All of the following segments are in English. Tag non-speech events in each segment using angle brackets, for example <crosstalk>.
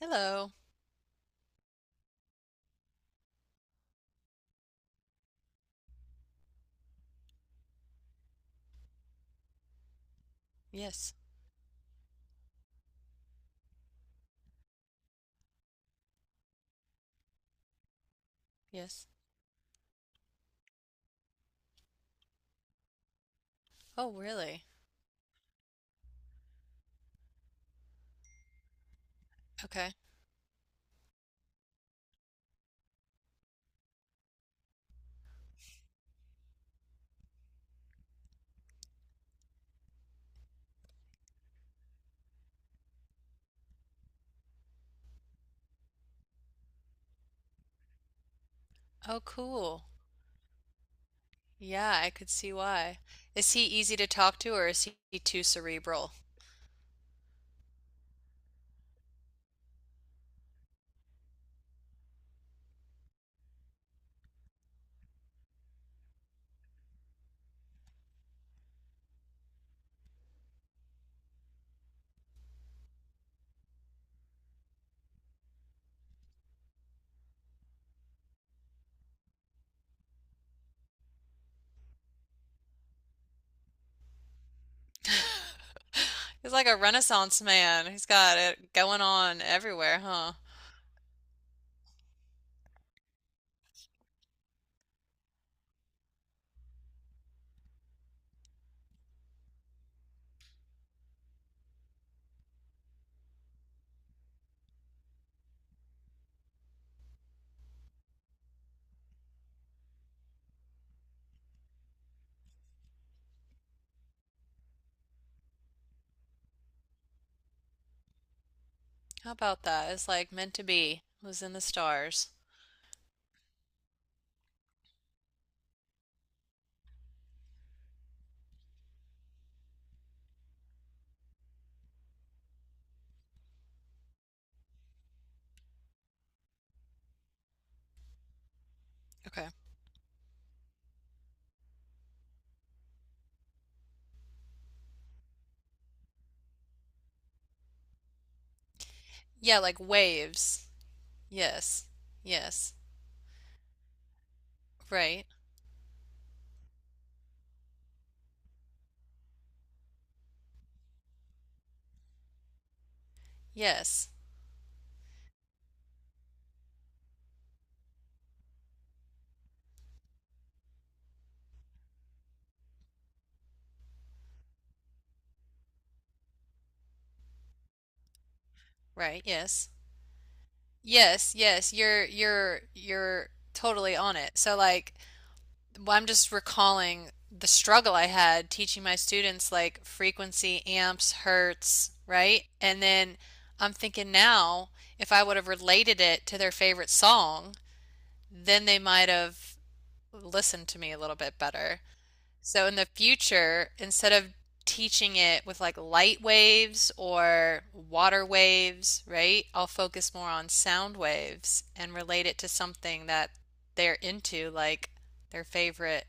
Hello. Yes. Yes. Oh, really? Okay. Oh, cool. Yeah, I could see why. Is he easy to talk to or is he too cerebral? <laughs> He's like a renaissance man. He's got it going on everywhere, huh? How about that? It's like meant to be. It was in the stars. Okay. Yeah, like waves. Yes. Yes. Right. Yes. Right. Yes. Yes, yes. You're totally on it. So like well, I'm just recalling the struggle I had teaching my students like frequency, amps, hertz, right? And then I'm thinking now, if I would have related it to their favorite song, then they might have listened to me a little bit better. So in the future, instead of teaching it with like light waves or water waves, right? I'll focus more on sound waves and relate it to something that they're into, like their favorite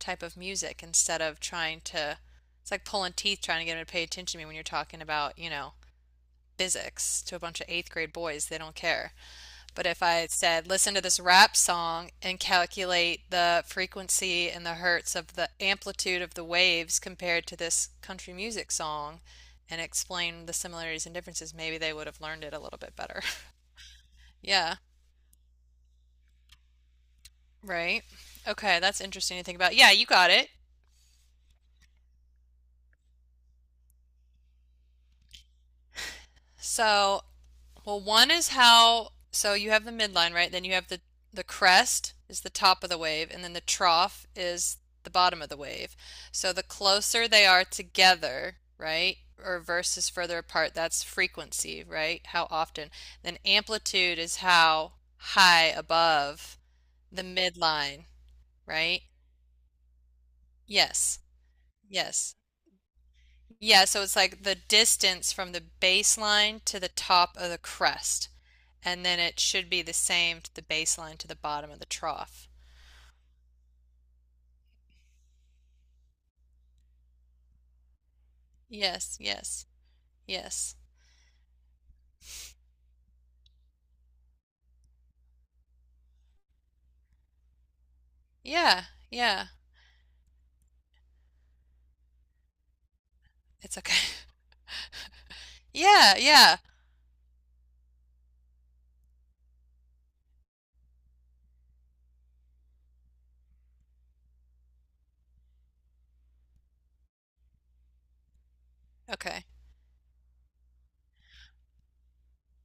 type of music instead of trying to it's like pulling teeth trying to get them to pay attention to me when you're talking about, physics to a bunch of eighth grade boys. They don't care. But if I said, listen to this rap song and calculate the frequency and the hertz of the amplitude of the waves compared to this country music song and explain the similarities and differences, maybe they would have learned it a little bit better. <laughs> Yeah, right? Okay, that's interesting to think about. Yeah, you got it. So well, one is how, so you have the midline, right? Then you have the crest is the top of the wave, and then the trough is the bottom of the wave. So the closer they are together, right, or versus further apart, that's frequency, right? How often. Then amplitude is how high above the midline, right? Yes. Yes. Yeah, so it's like the distance from the baseline to the top of the crest. And then it should be the same to the baseline to the bottom of the trough. Yes, yes, yes. Yeah, yeah. It's okay. <laughs> Yeah, yeah. Okay.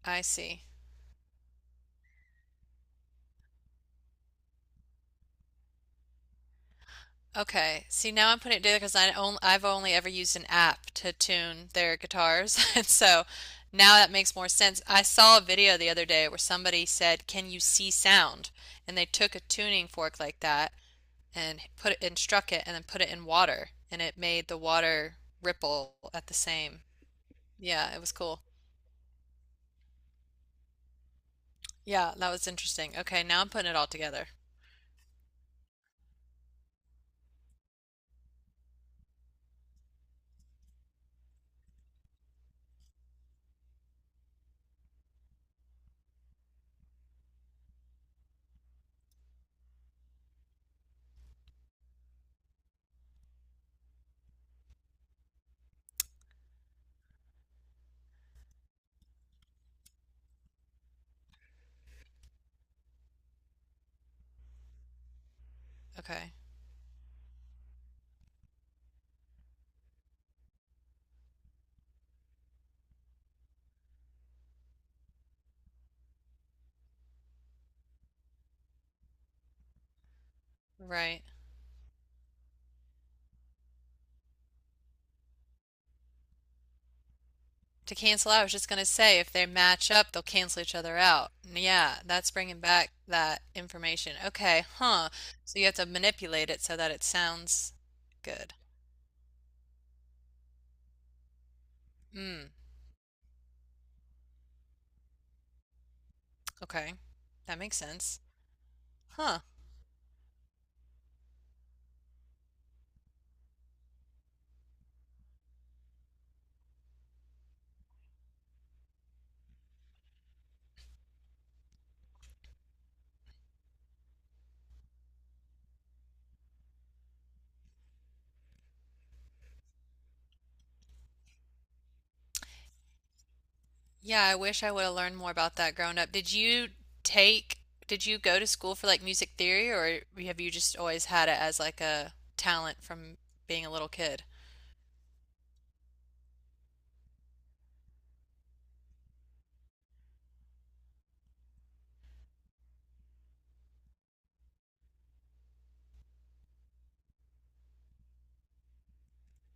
I see. Okay. See, now I'm putting it together because I've only ever used an app to tune their guitars. <laughs> And so now that makes more sense. I saw a video the other day where somebody said, can you see sound? And they took a tuning fork like that and put it and struck it and then put it in water and it made the water ripple at the same. Yeah, it was cool. Yeah, that was interesting. Okay, now I'm putting it all together. Okay, right. To cancel out, I was just gonna say if they match up, they'll cancel each other out. Yeah, that's bringing back that information. Okay, huh. So you have to manipulate it so that it sounds good. Mm, okay. That makes sense. Huh. Yeah, I wish I would have learned more about that growing up. Did you take, did you go to school for like music theory or have you just always had it as like a talent from being a little kid?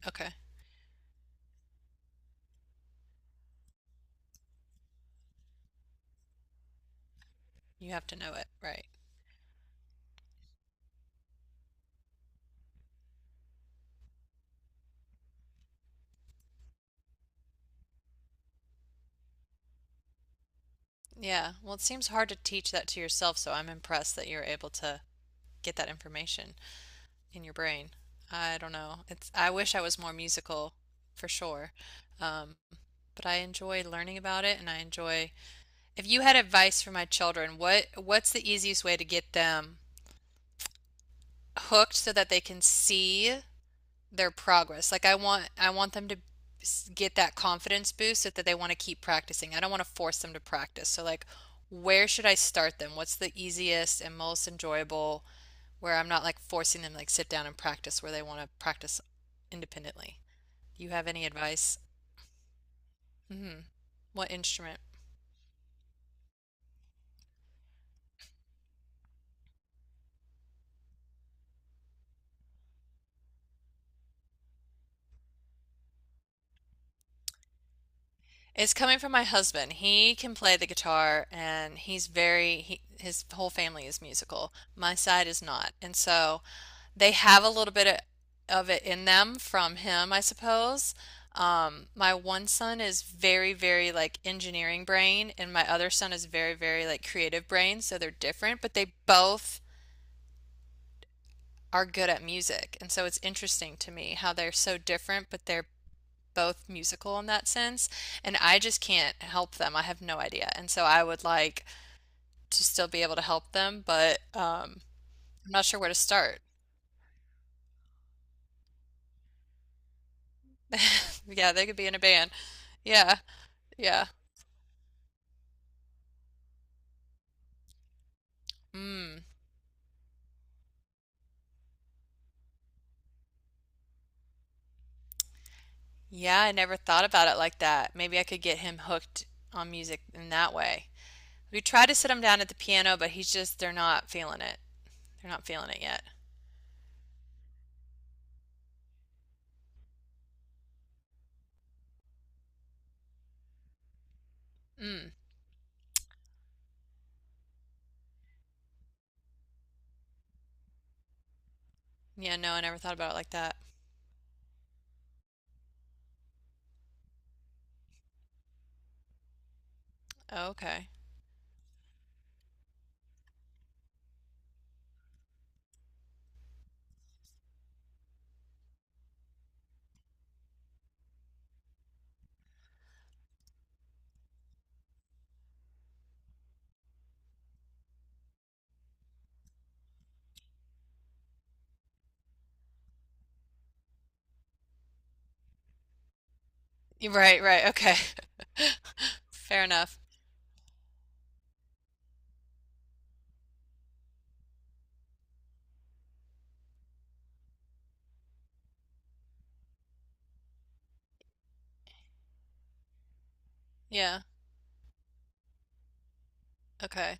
Okay. You have to know it, right? Yeah. Well, it seems hard to teach that to yourself, so I'm impressed that you're able to get that information in your brain. I don't know. It's I wish I was more musical for sure. Um, but I enjoy learning about it and I enjoy if you had advice for my children, what's the easiest way to get them hooked so that they can see their progress. Like I want them to get that confidence boost so that they want to keep practicing. I don't want to force them to practice. So like where should I start them? What's the easiest and most enjoyable where I'm not like forcing them to like sit down and practice where they want to practice independently. Do you have any advice? Hmm. What instrument? It's coming from my husband. He can play the guitar and he's very, he, his whole family is musical. My side is not. And so they have a little bit of it in them from him, I suppose. My one son is very, very like engineering brain, and my other son is very, very like creative brain. So they're different, but they both are good at music. And so it's interesting to me how they're so different, but they're both musical in that sense, and I just can't help them. I have no idea. And so I would like to still be able to help them, but I'm not sure where to start. <laughs> Yeah, they could be in a band. Yeah, yeah. Mm. Yeah, I never thought about it like that. Maybe I could get him hooked on music in that way. We tried to sit him down at the piano, but he's just, they're not feeling it. They're not feeling it yet. Mm. Yeah, no, I never thought about it like that. Oh, okay. Right, right. Okay. <laughs> Fair enough. Yeah. Okay.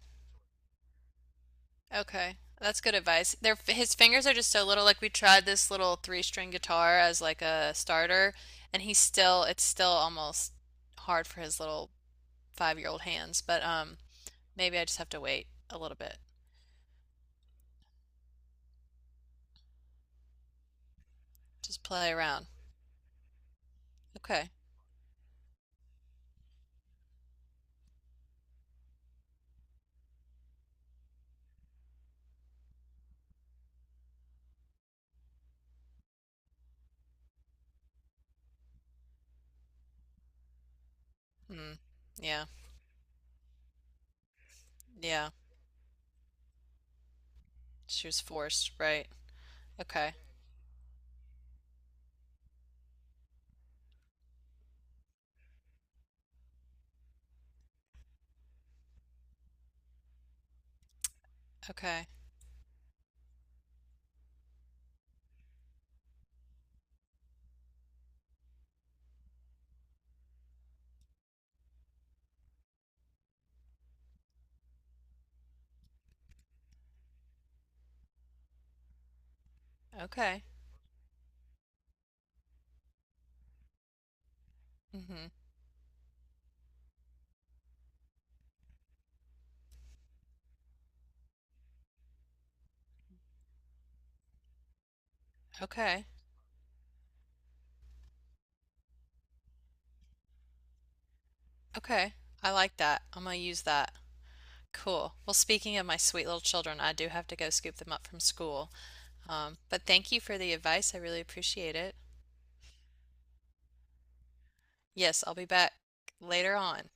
Okay. That's good advice. Their his fingers are just so little. Like we tried this little three-string guitar as like a starter, and he's still it's still almost hard for his little five-year-old hands. But maybe I just have to wait a little bit. Just play around. Okay. Hmm. Yeah. Yeah. She was forced, right? Okay. Okay. Okay. Mm-hmm. Okay. Okay. I like that. I'm gonna use that. Cool. Well, speaking of my sweet little children, I do have to go scoop them up from school. But thank you for the advice. I really appreciate it. Yes, I'll be back later on.